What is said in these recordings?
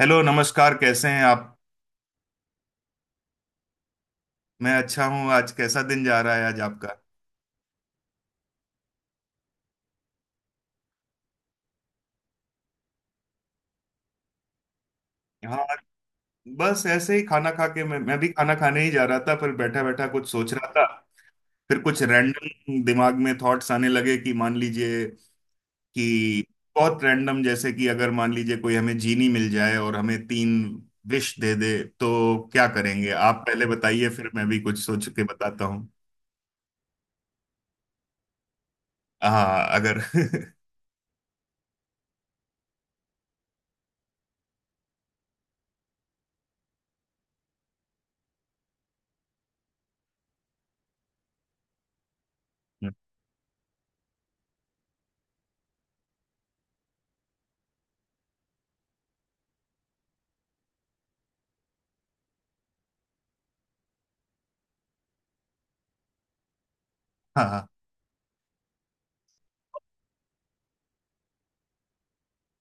Hello, नमस्कार। कैसे हैं आप? मैं अच्छा हूँ। आज कैसा दिन जा रहा है आज आपका? हाँ, बस ऐसे ही खाना खा के मैं भी खाना खाने ही जा रहा था, पर बैठा बैठा कुछ सोच रहा था। फिर कुछ रैंडम दिमाग में थॉट्स आने लगे कि मान लीजिए कि बहुत रैंडम, जैसे कि अगर मान लीजिए कोई हमें जीनी मिल जाए और हमें तीन विश दे दे, तो क्या करेंगे आप? पहले बताइए, फिर मैं भी कुछ सोच के बताता हूँ। हाँ अगर हाँ।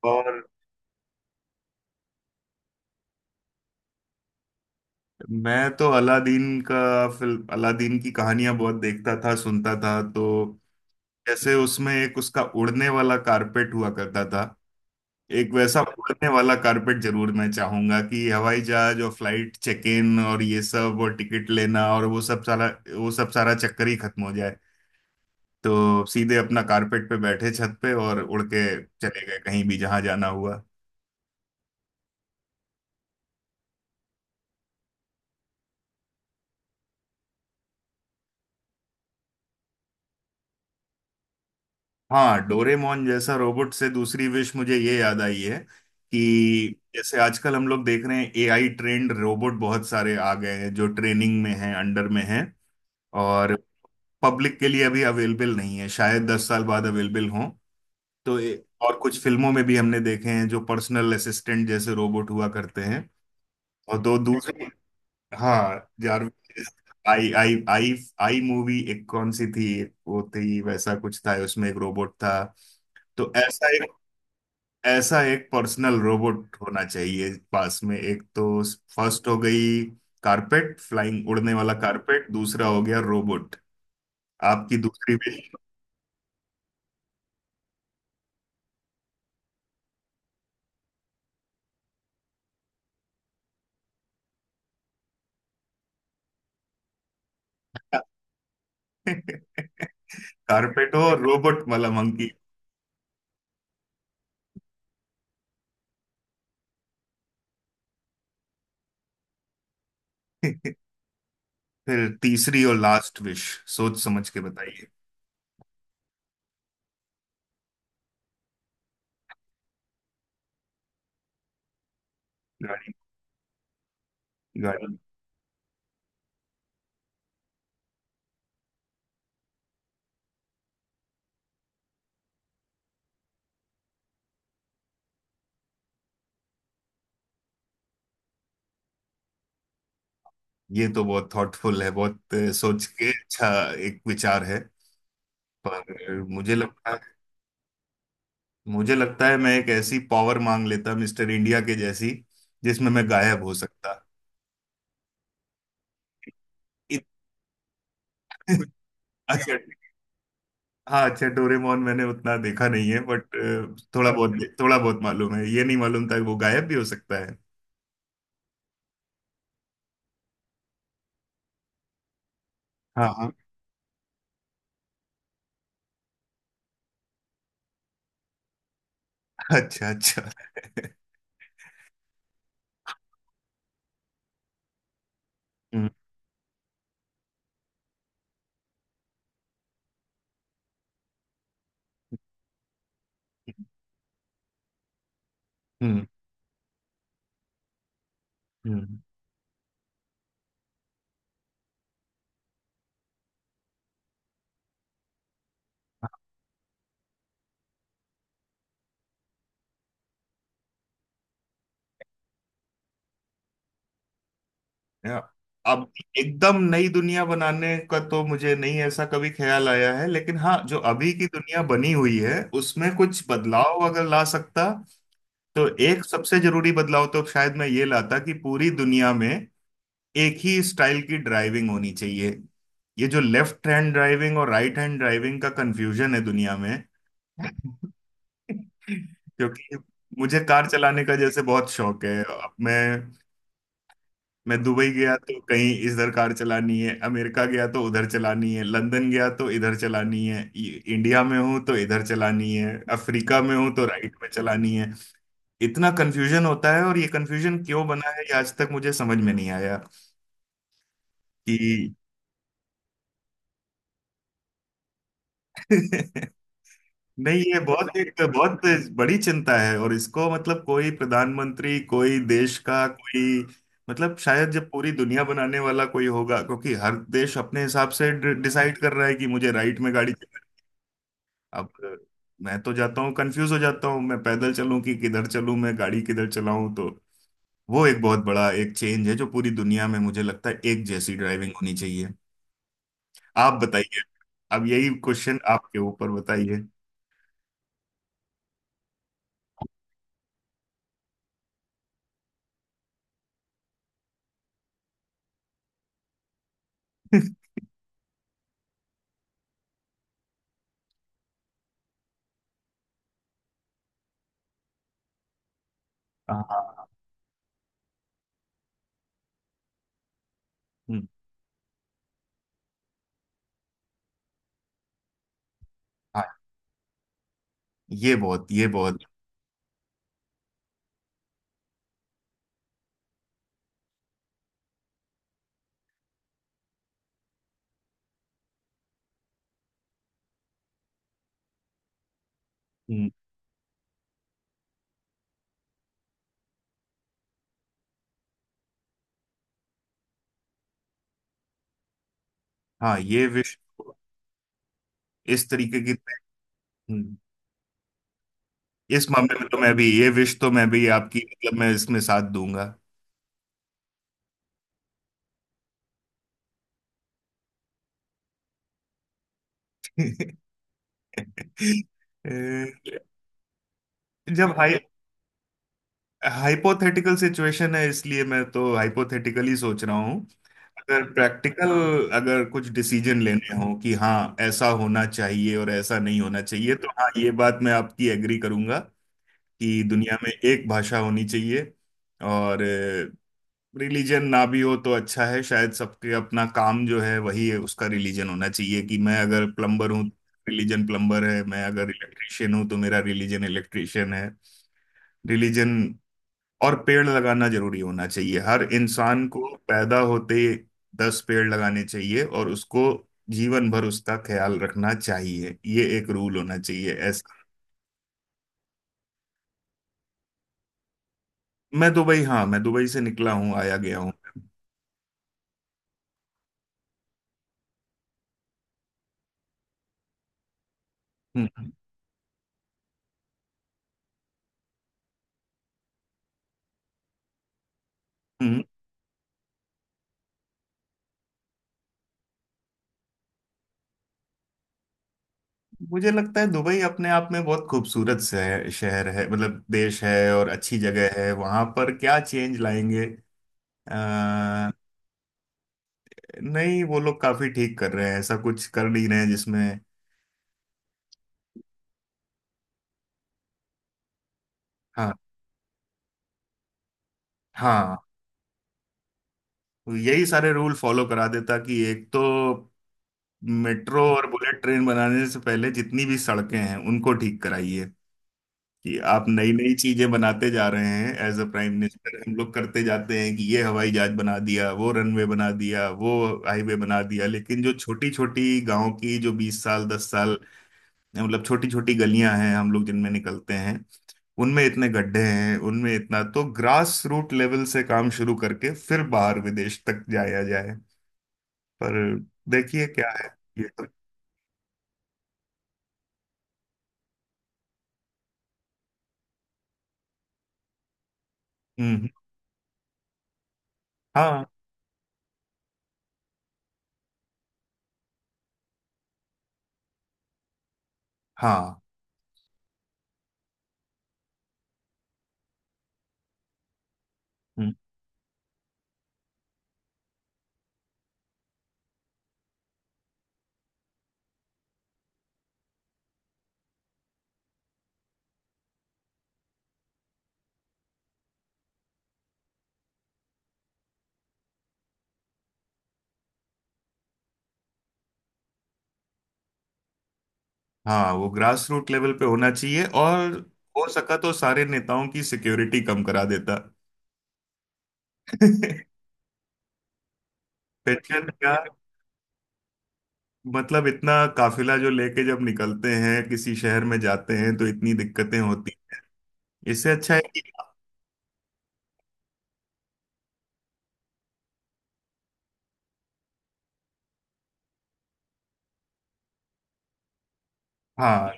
और मैं तो अलादीन का फिल्म, अलादीन की कहानियां बहुत देखता था, सुनता था। तो जैसे उसमें एक उसका उड़ने वाला कारपेट हुआ करता था। एक वैसा उड़ने वाला कारपेट जरूर मैं चाहूंगा कि हवाई जहाज और फ्लाइट चेक इन और ये सब और टिकट लेना और वो सब सारा चक्कर ही खत्म हो जाए। तो सीधे अपना कारपेट पे बैठे, छत पे, और उड़ के चले गए कहीं भी जहां जाना हुआ। हाँ, डोरेमोन जैसा रोबोट से दूसरी विश मुझे ये याद आई है कि जैसे आजकल हम लोग देख रहे हैं एआई ट्रेंड, रोबोट बहुत सारे आ गए हैं जो ट्रेनिंग में हैं, अंडर में हैं, और पब्लिक के लिए अभी अवेलेबल नहीं है। शायद 10 साल बाद अवेलेबल हों। तो और कुछ फिल्मों में भी हमने देखे हैं जो पर्सनल असिस्टेंट जैसे रोबोट हुआ करते हैं। और दो दूसरी, हाँ जारविस, आई आई आई आई मूवी एक कौन सी थी, एक वो थी, वैसा कुछ था उसमें एक रोबोट था। तो ऐसा एक, ऐसा एक पर्सनल रोबोट होना चाहिए पास में, एक तो फर्स्ट हो गई, कारपेट फ्लाइंग उड़ने वाला कारपेट, दूसरा हो गया रोबोट। आपकी दूसरी भी? कारपेट हो और रोबोट वाला मंकी। फिर तीसरी और लास्ट विश, सोच समझ के बताइए। गाड़ी, गाड़ी। ये तो बहुत थॉटफुल है, बहुत सोच के। अच्छा एक विचार है, पर मुझे लगता है, मुझे लगता है मैं एक ऐसी पावर मांग लेता मिस्टर इंडिया के जैसी, जिसमें मैं गायब हो सकता। इत- अच्छा। हाँ अच्छा, डोरेमोन मैंने उतना देखा नहीं है, बट थोड़ा बहुत, थोड़ा बहुत मालूम है। ये नहीं मालूम था कि वो गायब भी हो सकता है। हाँ हाँ, अच्छा अच्छा। हम्म हम्म हम्म। या, अब एकदम नई दुनिया बनाने का तो मुझे नहीं, ऐसा कभी ख्याल आया है, लेकिन हाँ जो अभी की दुनिया बनी हुई है उसमें कुछ बदलाव अगर ला सकता, तो एक सबसे जरूरी बदलाव तो शायद मैं ये लाता कि पूरी दुनिया में एक ही स्टाइल की ड्राइविंग होनी चाहिए। ये जो लेफ्ट हैंड ड्राइविंग और राइट हैंड ड्राइविंग का कंफ्यूजन है दुनिया में, क्योंकि मुझे कार चलाने का जैसे बहुत शौक है। अब मैं दुबई गया तो कहीं इधर कार चलानी है, अमेरिका गया तो उधर चलानी है, लंदन गया तो इधर चलानी है, इंडिया में हूं तो इधर चलानी है, अफ्रीका में हूं तो राइट में चलानी है। इतना कंफ्यूजन होता है, और ये कंफ्यूजन क्यों बना है ये आज तक मुझे समझ में नहीं आया कि, नहीं, ये बहुत एक बहुत बड़ी चिंता है, और इसको मतलब कोई प्रधानमंत्री, कोई देश का कोई, मतलब शायद जब पूरी दुनिया बनाने वाला कोई होगा, क्योंकि हर देश अपने हिसाब से डिसाइड कर रहा है कि मुझे राइट में गाड़ी चलानी है। अब मैं तो जाता हूँ, कंफ्यूज हो जाता हूँ, मैं पैदल चलूं कि किधर चलूं, मैं गाड़ी किधर चलाऊं। तो वो एक बहुत बड़ा एक चेंज है जो पूरी दुनिया में मुझे लगता है एक जैसी ड्राइविंग होनी चाहिए। आप बताइए, अब यही क्वेश्चन आपके ऊपर, बताइए। हाँ। हम्म, हाँ, ये बहुत, ये बहुत, हम्म, हाँ ये विश इस तरीके की, हम्म, इस मामले में तो मैं भी, ये विश तो मैं भी आपकी, मतलब मैं इसमें साथ दूंगा। अ, जब हाई हाइपोथेटिकल सिचुएशन है, इसलिए मैं तो हाइपोथेटिकल ही सोच रहा हूँ। अगर प्रैक्टिकल, अगर कुछ डिसीजन लेने हो कि हाँ ऐसा होना चाहिए और ऐसा नहीं होना चाहिए, तो हाँ ये बात मैं आपकी एग्री करूंगा कि दुनिया में एक भाषा होनी चाहिए, और रिलीजन ना भी हो तो अच्छा है। शायद सबके अपना काम जो है वही है उसका रिलीजन होना चाहिए। कि मैं अगर प्लम्बर हूँ, रिलीजन प्लम्बर है, मैं अगर इलेक्ट्रिशियन हूँ तो मेरा रिलीजन इलेक्ट्रिशियन है रिलीजन। और पेड़ लगाना जरूरी होना चाहिए, हर इंसान को पैदा होते 10 पेड़ लगाने चाहिए, और उसको जीवन भर उसका ख्याल रखना चाहिए। ये एक रूल होना चाहिए ऐसा। मैं दुबई, हाँ मैं दुबई से निकला हूँ, आया गया हूँ। हम्म हम्म। मुझे लगता है दुबई अपने आप में बहुत खूबसूरत शहर शहर है, मतलब देश है, और अच्छी जगह है। वहां पर क्या चेंज लाएंगे? अ, नहीं, वो लोग काफी ठीक कर रहे हैं, ऐसा कुछ कर नहीं रहे हैं जिसमें। हाँ हाँ, यही सारे रूल फॉलो करा देता कि एक तो मेट्रो और बुलेट ट्रेन बनाने से पहले जितनी भी सड़कें हैं उनको ठीक कराइए। कि आप नई नई चीजें बनाते जा रहे हैं एज अ प्राइम मिनिस्टर, हम लोग करते जाते हैं कि ये हवाई जहाज बना दिया, वो रनवे बना दिया, वो हाईवे बना दिया, लेकिन जो छोटी छोटी गांव की जो 20 साल, 10 साल, मतलब छोटी छोटी गलियां हैं हम लोग जिनमें निकलते हैं, उनमें इतने गड्ढे हैं, उनमें इतना, तो ग्रास रूट लेवल से काम शुरू करके फिर बाहर विदेश तक जाया जाए। पर देखिए क्या है, ये तो, हम्म, हाँ हाँ, हम्म। हाँ वो ग्रास रूट लेवल पे होना चाहिए, और हो सका तो सारे नेताओं की सिक्योरिटी कम करा देता। पेंशन का मतलब, इतना काफिला जो लेके जब निकलते हैं, किसी शहर में जाते हैं तो इतनी दिक्कतें होती, इससे अच्छा है कि, हाँ,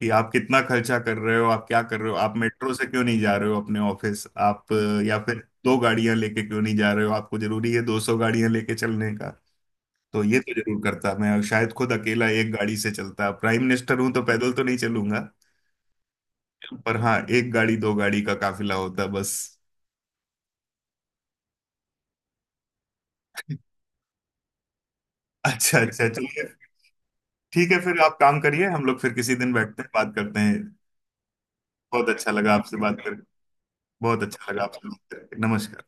कि आप कितना खर्चा कर रहे हो, आप क्या कर रहे हो, आप मेट्रो से क्यों नहीं जा रहे हो अपने ऑफिस आप, या फिर दो गाड़ियां लेके क्यों नहीं जा रहे हो, आपको जरूरी है 200 गाड़ियां लेके चलने? तो ये तो जरूर करता, मैं शायद खुद अकेला एक गाड़ी से चलता, प्राइम मिनिस्टर हूं तो पैदल तो नहीं चलूंगा, पर हाँ एक गाड़ी दो गाड़ी का काफिला होता बस। अच्छा अच्छा, चलिए ठीक है, फिर आप काम करिए, हम लोग फिर किसी दिन बैठते हैं बात करते हैं। बहुत अच्छा लगा आपसे बात कर, बहुत अच्छा लगा आपसे बात करके, नमस्कार।